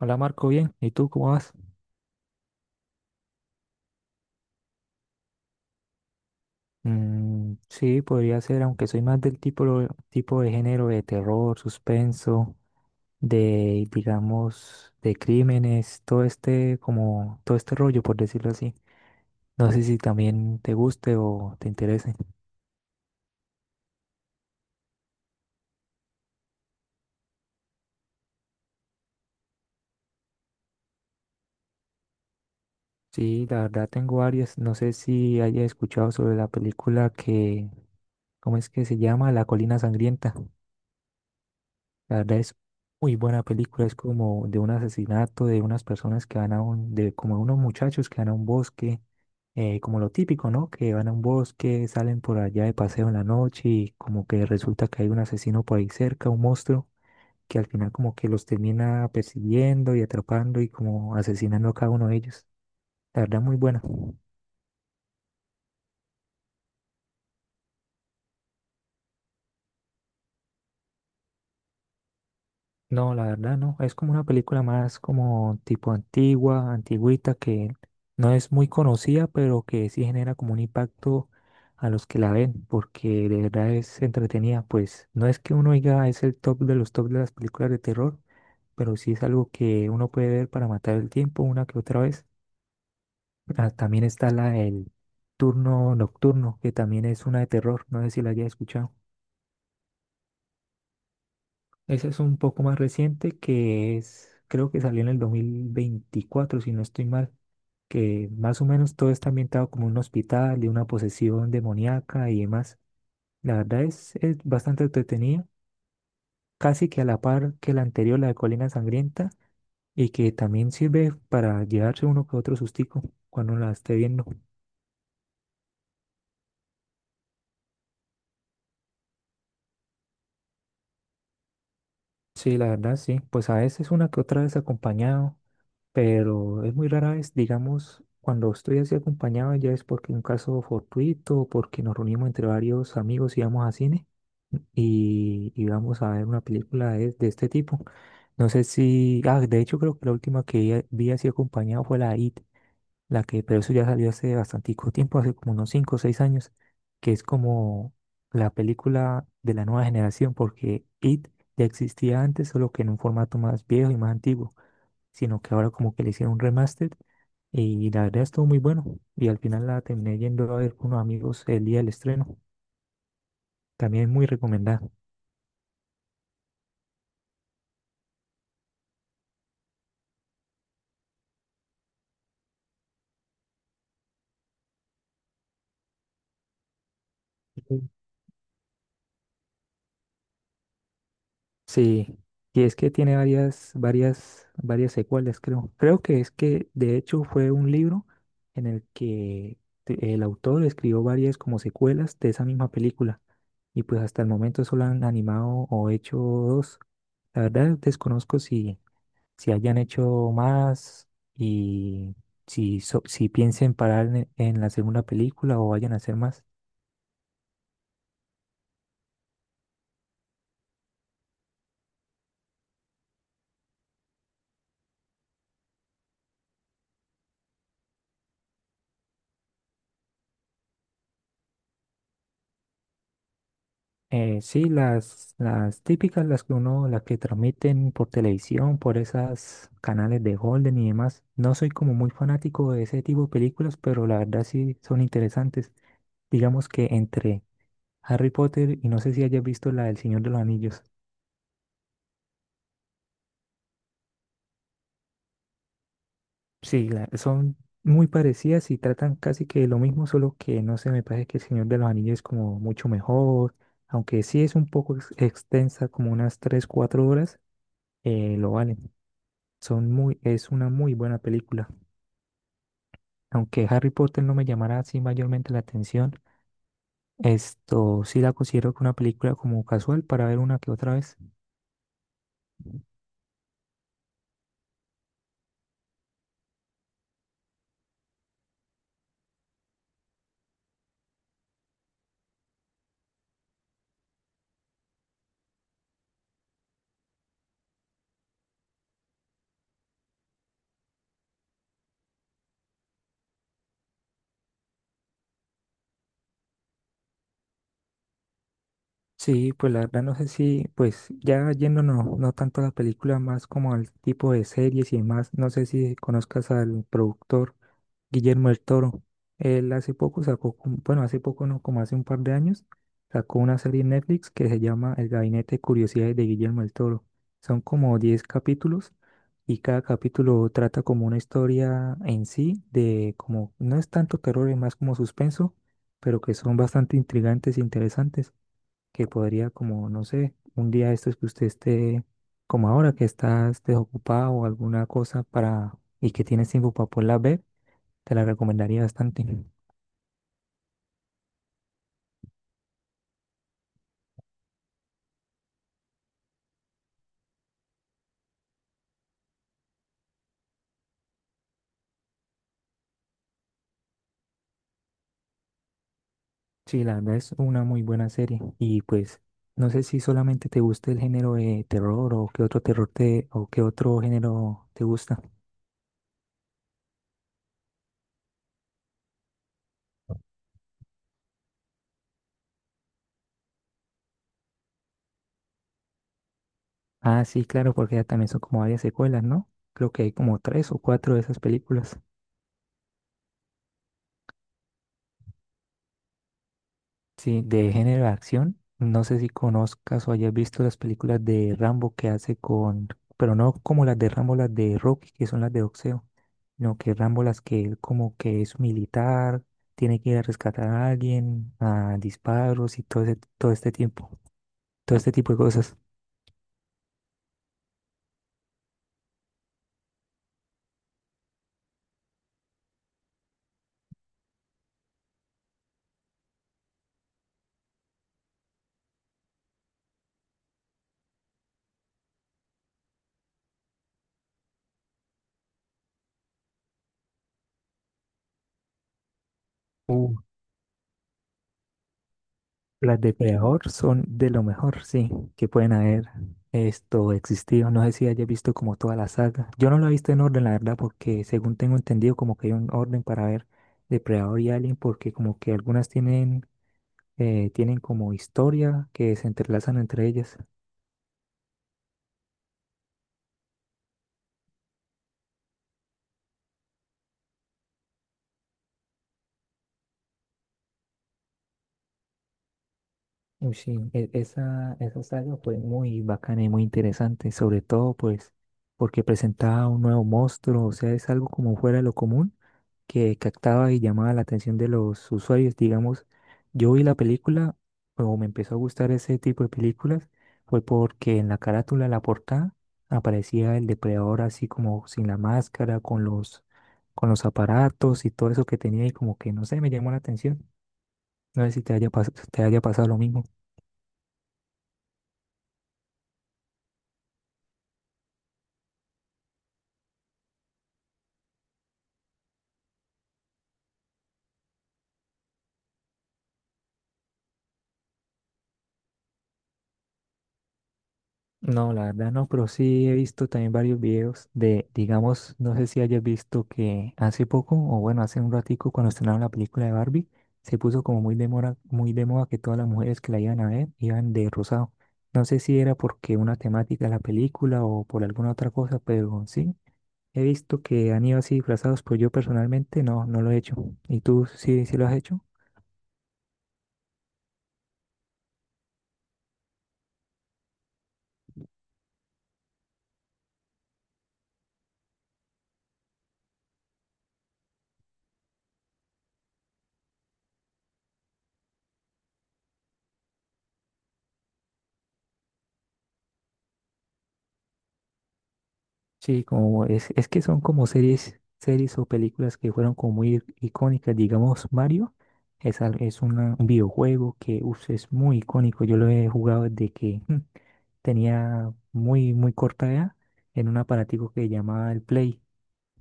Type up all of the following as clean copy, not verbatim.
Hola Marco, bien. ¿Y tú cómo vas? Mm, sí, podría ser, aunque soy más del tipo, tipo de género de terror, suspenso, de, digamos, de crímenes, todo este, como, todo este rollo, por decirlo así. No sé si también te guste o te interese. Sí, la verdad tengo varias. No sé si hayas escuchado sobre la película que, ¿cómo es que se llama? La Colina Sangrienta. La verdad es muy buena película, es como de un asesinato de unas personas que van a un, de como unos muchachos que van a un bosque, como lo típico, ¿no? Que van a un bosque, salen por allá de paseo en la noche y como que resulta que hay un asesino por ahí cerca, un monstruo, que al final como que los termina persiguiendo y atrapando y como asesinando a cada uno de ellos. La verdad muy buena. No, la verdad no. Es como una película más como tipo antigua, antigüita, que no es muy conocida, pero que sí genera como un impacto a los que la ven, porque de verdad es entretenida. Pues no es que uno diga es el top de los top de las películas de terror, pero sí es algo que uno puede ver para matar el tiempo una que otra vez. Ah, también está la el turno nocturno, que también es una de terror. No sé si la haya escuchado. Ese es un poco más reciente que es, creo que salió en el 2024, si no estoy mal, que más o menos todo está ambientado como un hospital de una posesión demoníaca y demás. La verdad es bastante entretenida, casi que a la par que la anterior, la de Colina Sangrienta, y que también sirve para llevarse uno que otro sustico cuando la esté viendo. Sí, la verdad sí, pues a veces una que otra vez acompañado pero es muy rara vez, digamos, cuando estoy así acompañado ya es porque un caso fortuito, porque nos reunimos entre varios amigos y vamos a cine y vamos a ver una película de este tipo. No sé si, ah, de hecho creo que la última que ya vi así acompañado fue la IT, pero eso ya salió hace bastante tiempo, hace como unos 5 o 6 años, que es como la película de la nueva generación, porque IT ya existía antes, solo que en un formato más viejo y más antiguo sino que ahora como que le hicieron un remaster y la verdad estuvo muy bueno y al final la terminé yendo a ver con unos amigos el día del estreno. También muy recomendada. Ujú. Sí, y es que tiene varias secuelas, creo. Creo que es que de hecho fue un libro en el que el autor escribió varias como secuelas de esa misma película y pues hasta el momento solo han animado o hecho dos. La verdad desconozco si hayan hecho más y si piensen parar en la segunda película o vayan a hacer más. Sí, las típicas, las que uno, las que transmiten por televisión, por esas canales de Golden y demás. No soy como muy fanático de ese tipo de películas, pero la verdad sí son interesantes. Digamos que entre Harry Potter y no sé si hayas visto la del Señor de los Anillos. Sí, son muy parecidas y tratan casi que lo mismo, solo que no sé, me parece que El Señor de los Anillos es como mucho mejor, aunque sí es un poco extensa, como unas 3 4 horas, lo vale. Son muy, es una muy buena película. Aunque Harry Potter no me llamará así mayormente la atención, esto sí la considero que una película como casual para ver una que otra vez. Sí, pues la verdad no sé si, pues ya yéndonos no tanto a la película, más como al tipo de series y demás, no sé si conozcas al productor Guillermo del Toro. Él hace poco sacó, bueno, hace poco no, como hace un par de años, sacó una serie en Netflix que se llama El Gabinete de Curiosidades de Guillermo del Toro. Son como 10 capítulos y cada capítulo trata como una historia en sí, de como, no es tanto terror, es más como suspenso, pero que son bastante intrigantes e interesantes que podría como, no sé, un día de estos que usted esté como ahora que estás desocupado o alguna cosa para y que tienes tiempo para poderla ver, te la recomendaría bastante. Sí, la verdad es una muy buena serie y pues no sé si solamente te gusta el género de terror o qué otro terror te o qué otro género te gusta. Ah, sí, claro, porque ya también son como varias secuelas, ¿no? Creo que hay como tres o cuatro de esas películas. Sí, de género de acción. No sé si conozcas o hayas visto las películas de Rambo que hace con, pero no como las de Rambo, las de Rocky, que son las de boxeo, no que Rambo las que él como que es militar, tiene que ir a rescatar a alguien, a disparos y todo este tiempo, todo este tipo de cosas. Las de Preahor son de lo mejor, sí, que pueden haber esto existido. No sé si hayas visto como toda la saga. Yo no la he visto en orden, la verdad, porque según tengo entendido, como que hay un orden para ver Depredador y Alien, porque como que algunas tienen, tienen como historia que se entrelazan entre ellas. Uy, sí, esa saga fue muy bacana y muy interesante, sobre todo pues porque presentaba un nuevo monstruo, o sea, es algo como fuera de lo común que captaba y llamaba la atención de los usuarios. Digamos, yo vi la película o me empezó a gustar ese tipo de películas fue porque en la carátula, en la portada, aparecía el depredador así como sin la máscara, con los aparatos y todo eso que tenía y como que no sé, me llamó la atención. No sé si te haya, te haya pasado lo mismo. No, la verdad no, pero sí he visto también varios videos de, digamos, no sé si hayas visto que hace poco, o bueno, hace un ratico cuando estrenaron la película de Barbie, se puso como muy de moda que todas las mujeres que la iban a ver iban de rosado. No sé si era porque una temática de la película o por alguna otra cosa, pero sí, he visto que han ido así disfrazados, pero yo personalmente no, no lo he hecho. ¿Y tú sí, sí lo has hecho? Sí, como es que son como series o películas que fueron como muy icónicas. Digamos, Mario es, al- es una- un videojuego que uf, es muy icónico. Yo lo he jugado desde que tenía muy, muy corta edad en un aparatico que llamaba el Play,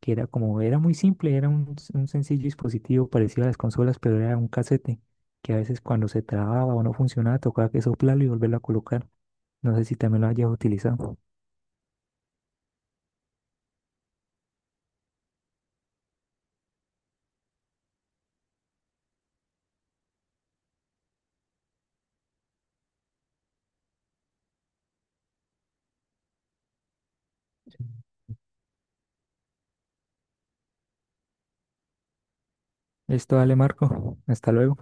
que era como, era muy simple, era un sencillo dispositivo parecido a las consolas, pero era un casete que a veces cuando se trababa o no funcionaba, tocaba que soplarlo y volverlo a colocar. No sé si también lo hayas utilizado. Listo, dale, Marco. Hasta luego.